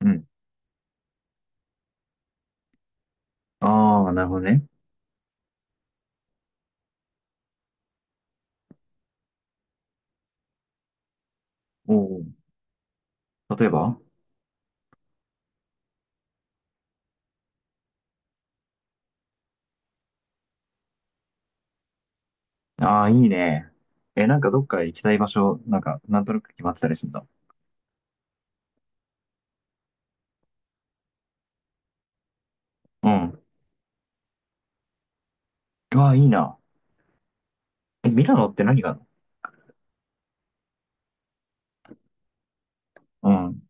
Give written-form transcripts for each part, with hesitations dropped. うん。ああ、なるほどね。おお。例えば。ああー、いいね。え、なんかどっか行きたい場所、なんか、なんとなく決まってたりするんだ。うん。うわあ、いいな。え、ミラノって何があるの？うん。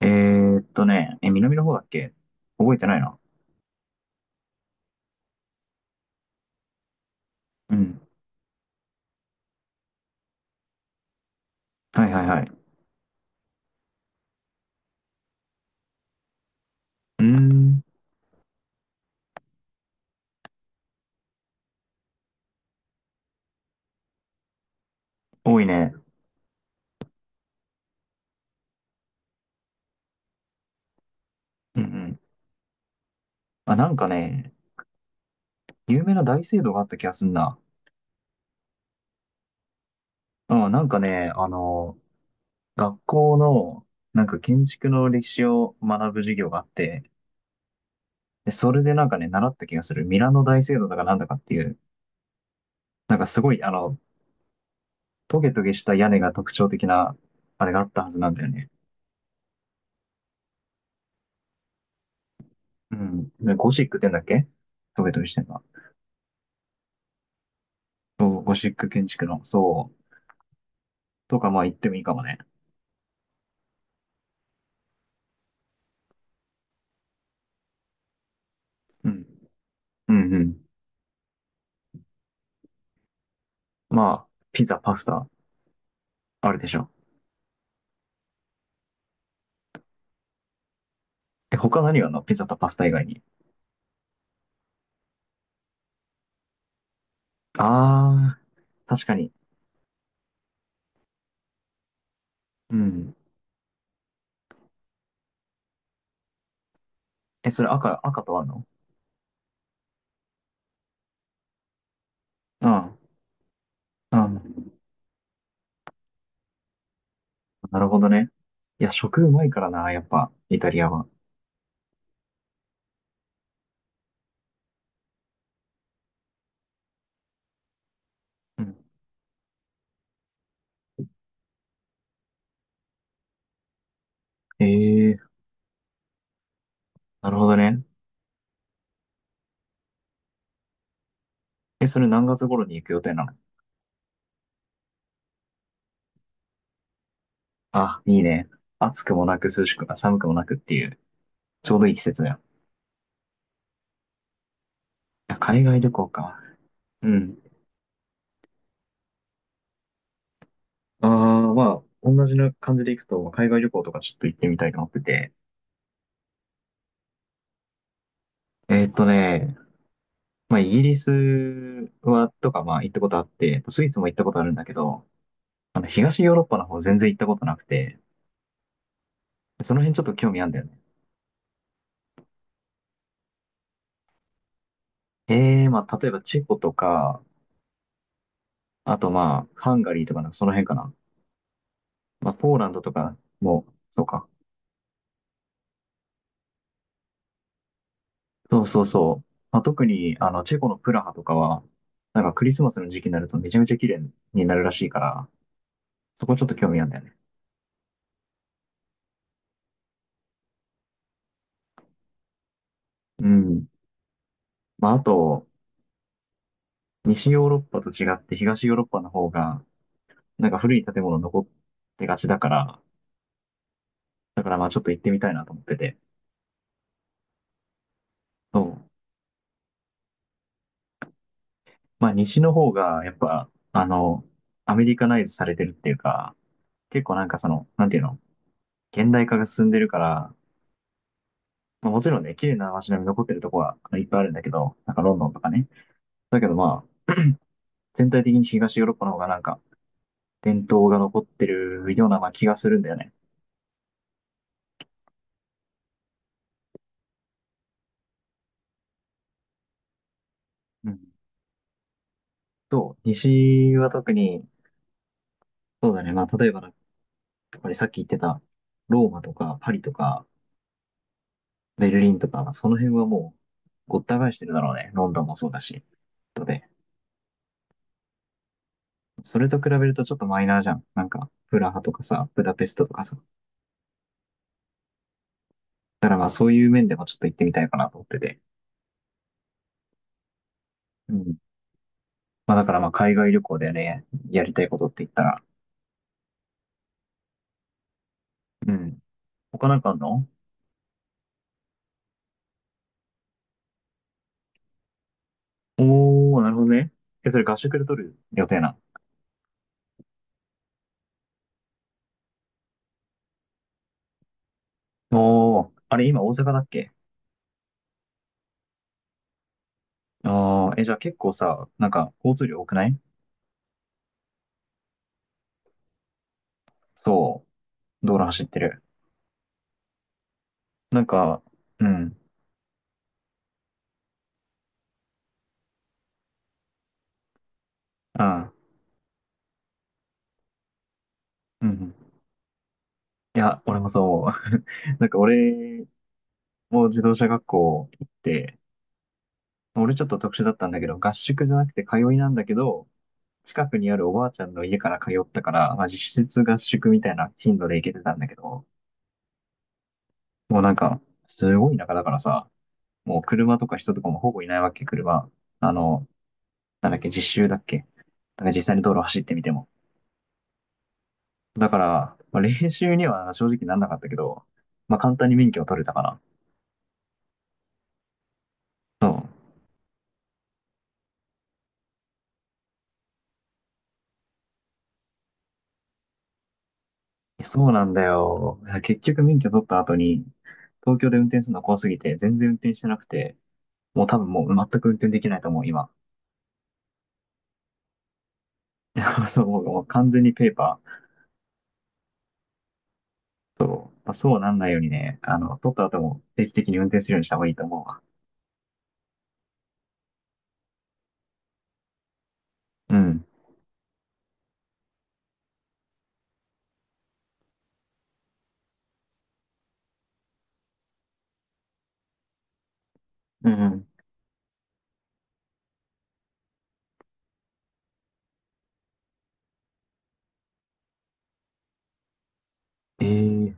え、南の方だっけ？覚えてないな。うん。はいはいはい。うーん。多いね。うんうん。あ、なんかね、有名な大聖堂があった気がすんな。うん、なんかね、学校の、なんか建築の歴史を学ぶ授業があって、で、それでなんかね、習った気がする。ミラノ大聖堂だかなんだかっていう、なんかすごい、トゲトゲした屋根が特徴的な、あれがあったはずなんだよね。うん。でゴシックって言うんだっけ？トゲトゲしてんだ。そう、ゴシック建築の、そう、とかまあ言ってもいいかもね。うん。うんうん。まあ、ピザ、パスタ、あるでしょ。え、他何があるの？ピザとパスタ以外に。あー、確かに。うん。え、それ赤とあんの？うん。うん。なるほどね。いや、食うまいからな、やっぱ、イタリアは。うん。ええ。なるほどね。え、それ何月頃に行く予定なの？あ、いいね。暑くもなく涼しく、あ、寒くもなくっていう、ちょうどいい季節だよ。あ、海外旅行か。うん。ああ、まあ、同じな感じで行くと、海外旅行とかちょっと行ってみたいと思ってて。えーっとね、まあ、イギリスは、とか、まあ、行ったことあって、スイスも行ったことあるんだけど、東ヨーロッパの方全然行ったことなくて、その辺ちょっと興味あるんだよね。ええ。まあ、例えばチェコとか、あとまあ、ハンガリーとかなんかその辺かな。まあ、ポーランドとかも、そうか。そうそうそう。まあ、特に、チェコのプラハとかは、なんかクリスマスの時期になるとめちゃめちゃ綺麗になるらしいから、そこちょっと興味あるんだよね。うん。まあ、あと、西ヨーロッパと違って東ヨーロッパの方が、なんか古い建物残ってがちだから、だからまあちょっと行ってみたいなと思ってて。そう。まあ西の方が、やっぱ、アメリカナイズされてるっていうか、結構なんかその、なんていうの？現代化が進んでるから、まあもちろんね、綺麗な街並み残ってるとこはいっぱいあるんだけど、なんかロンドンとかね。だけどまあ、全体的に東ヨーロッパの方がなんか伝統が残ってるようなまあ気がするんだよね。うん。と、西は特に、そうだね、まあ例えばだ、やっぱりさっき言ってたローマとかパリとかベルリンとか、その辺はもうごった返してるだろうね。ロンドンもそうだし。とで、それと比べるとちょっとマイナーじゃん。なんか、プラハとかさ、ブダペストとかさ。だからまあそういう面でもちょっと行ってみたいかなと思ってて。うん。まあだからまあ海外旅行でね、やりたいことって言ったら、うん。他なんかあんの？おー、なるほどね。え、それ合宿で取る予定な。おー、あれ今大阪だっけ？あー、え、じゃあ結構さ、なんか交通量多くない？そう、道路走ってる。なんか、うん、あー、うん。いや、俺もそう。なんか俺も自動車学校行って、俺ちょっと特殊だったんだけど、合宿じゃなくて通いなんだけど、近くにあるおばあちゃんの家から通ったから、まあ、実質合宿みたいな頻度で行けてたんだけど、もうなんか、すごい田舎だからさ、もう車とか人とかもほぼいないわけ、車。あの、なんだっけ、実習だっけ。なんか実際に道路走ってみても。だから、まあ、練習には正直なんなかったけど、まあ、簡単に免許を取れたかな。そう。そうなんだよ。いや結局免許取った後に、東京で運転するの怖すぎて、全然運転してなくて、もう多分もう全く運転できないと思う、今。そう、もう完全にペーパー。まあ、そうなんないようにね、取った後も定期的に運転するようにした方がいいと思うわ。うん。うんうん。ええー、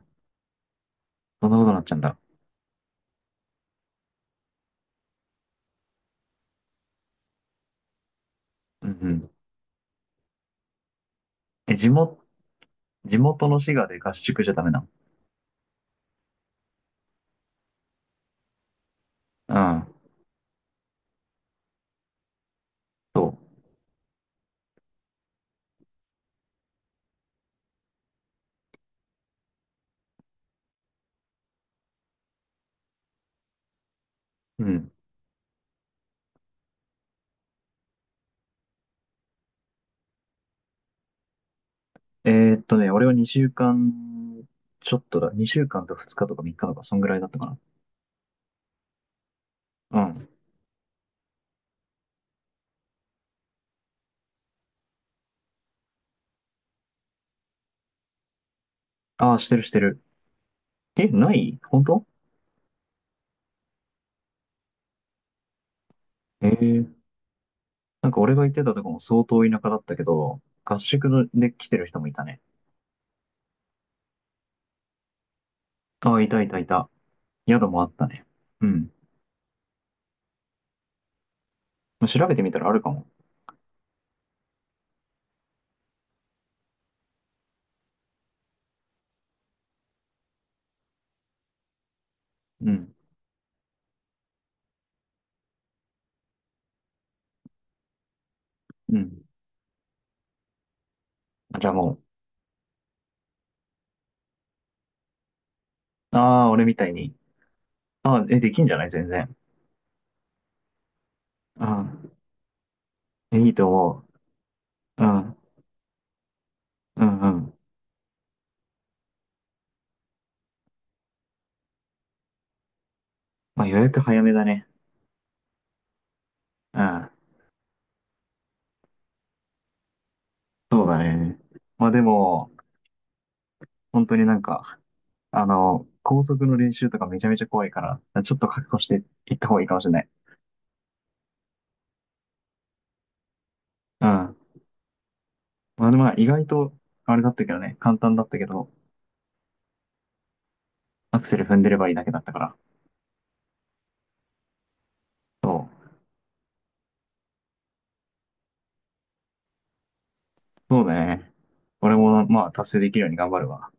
そんなことになっちゃうんだ。うんうん。え、地元の滋賀で合宿じゃダメなの？うん。そう。うん。俺は2週間、ちょっとだ、2週間と2日とか3日とか、そんぐらいだったかな。うん。ああ、してるしてる。え、ない？本当？ええー、なんか俺が行ってたとこも相当田舎だったけど、合宿ので来てる人もいたね。ああ、いたいたいた。宿もあったね。うん。調べてみたらあるかも。うん。うん。じゃあもう、ああ、俺みたいに。ああ、え、できんじゃない、全然。うん。え、いいと思う。うん。うんうん。まあ予約早めだね。うん。そうだね。まあでも、本当になんか、高速の練習とかめちゃめちゃ怖いから、ちょっと覚悟していった方がいいかもしれない。うん。まあでもまあ意外と、あれだったけどね、簡単だったけど、アクセル踏んでればいいだけだったから。そう。そうだね。俺も、まあ達成できるように頑張るわ。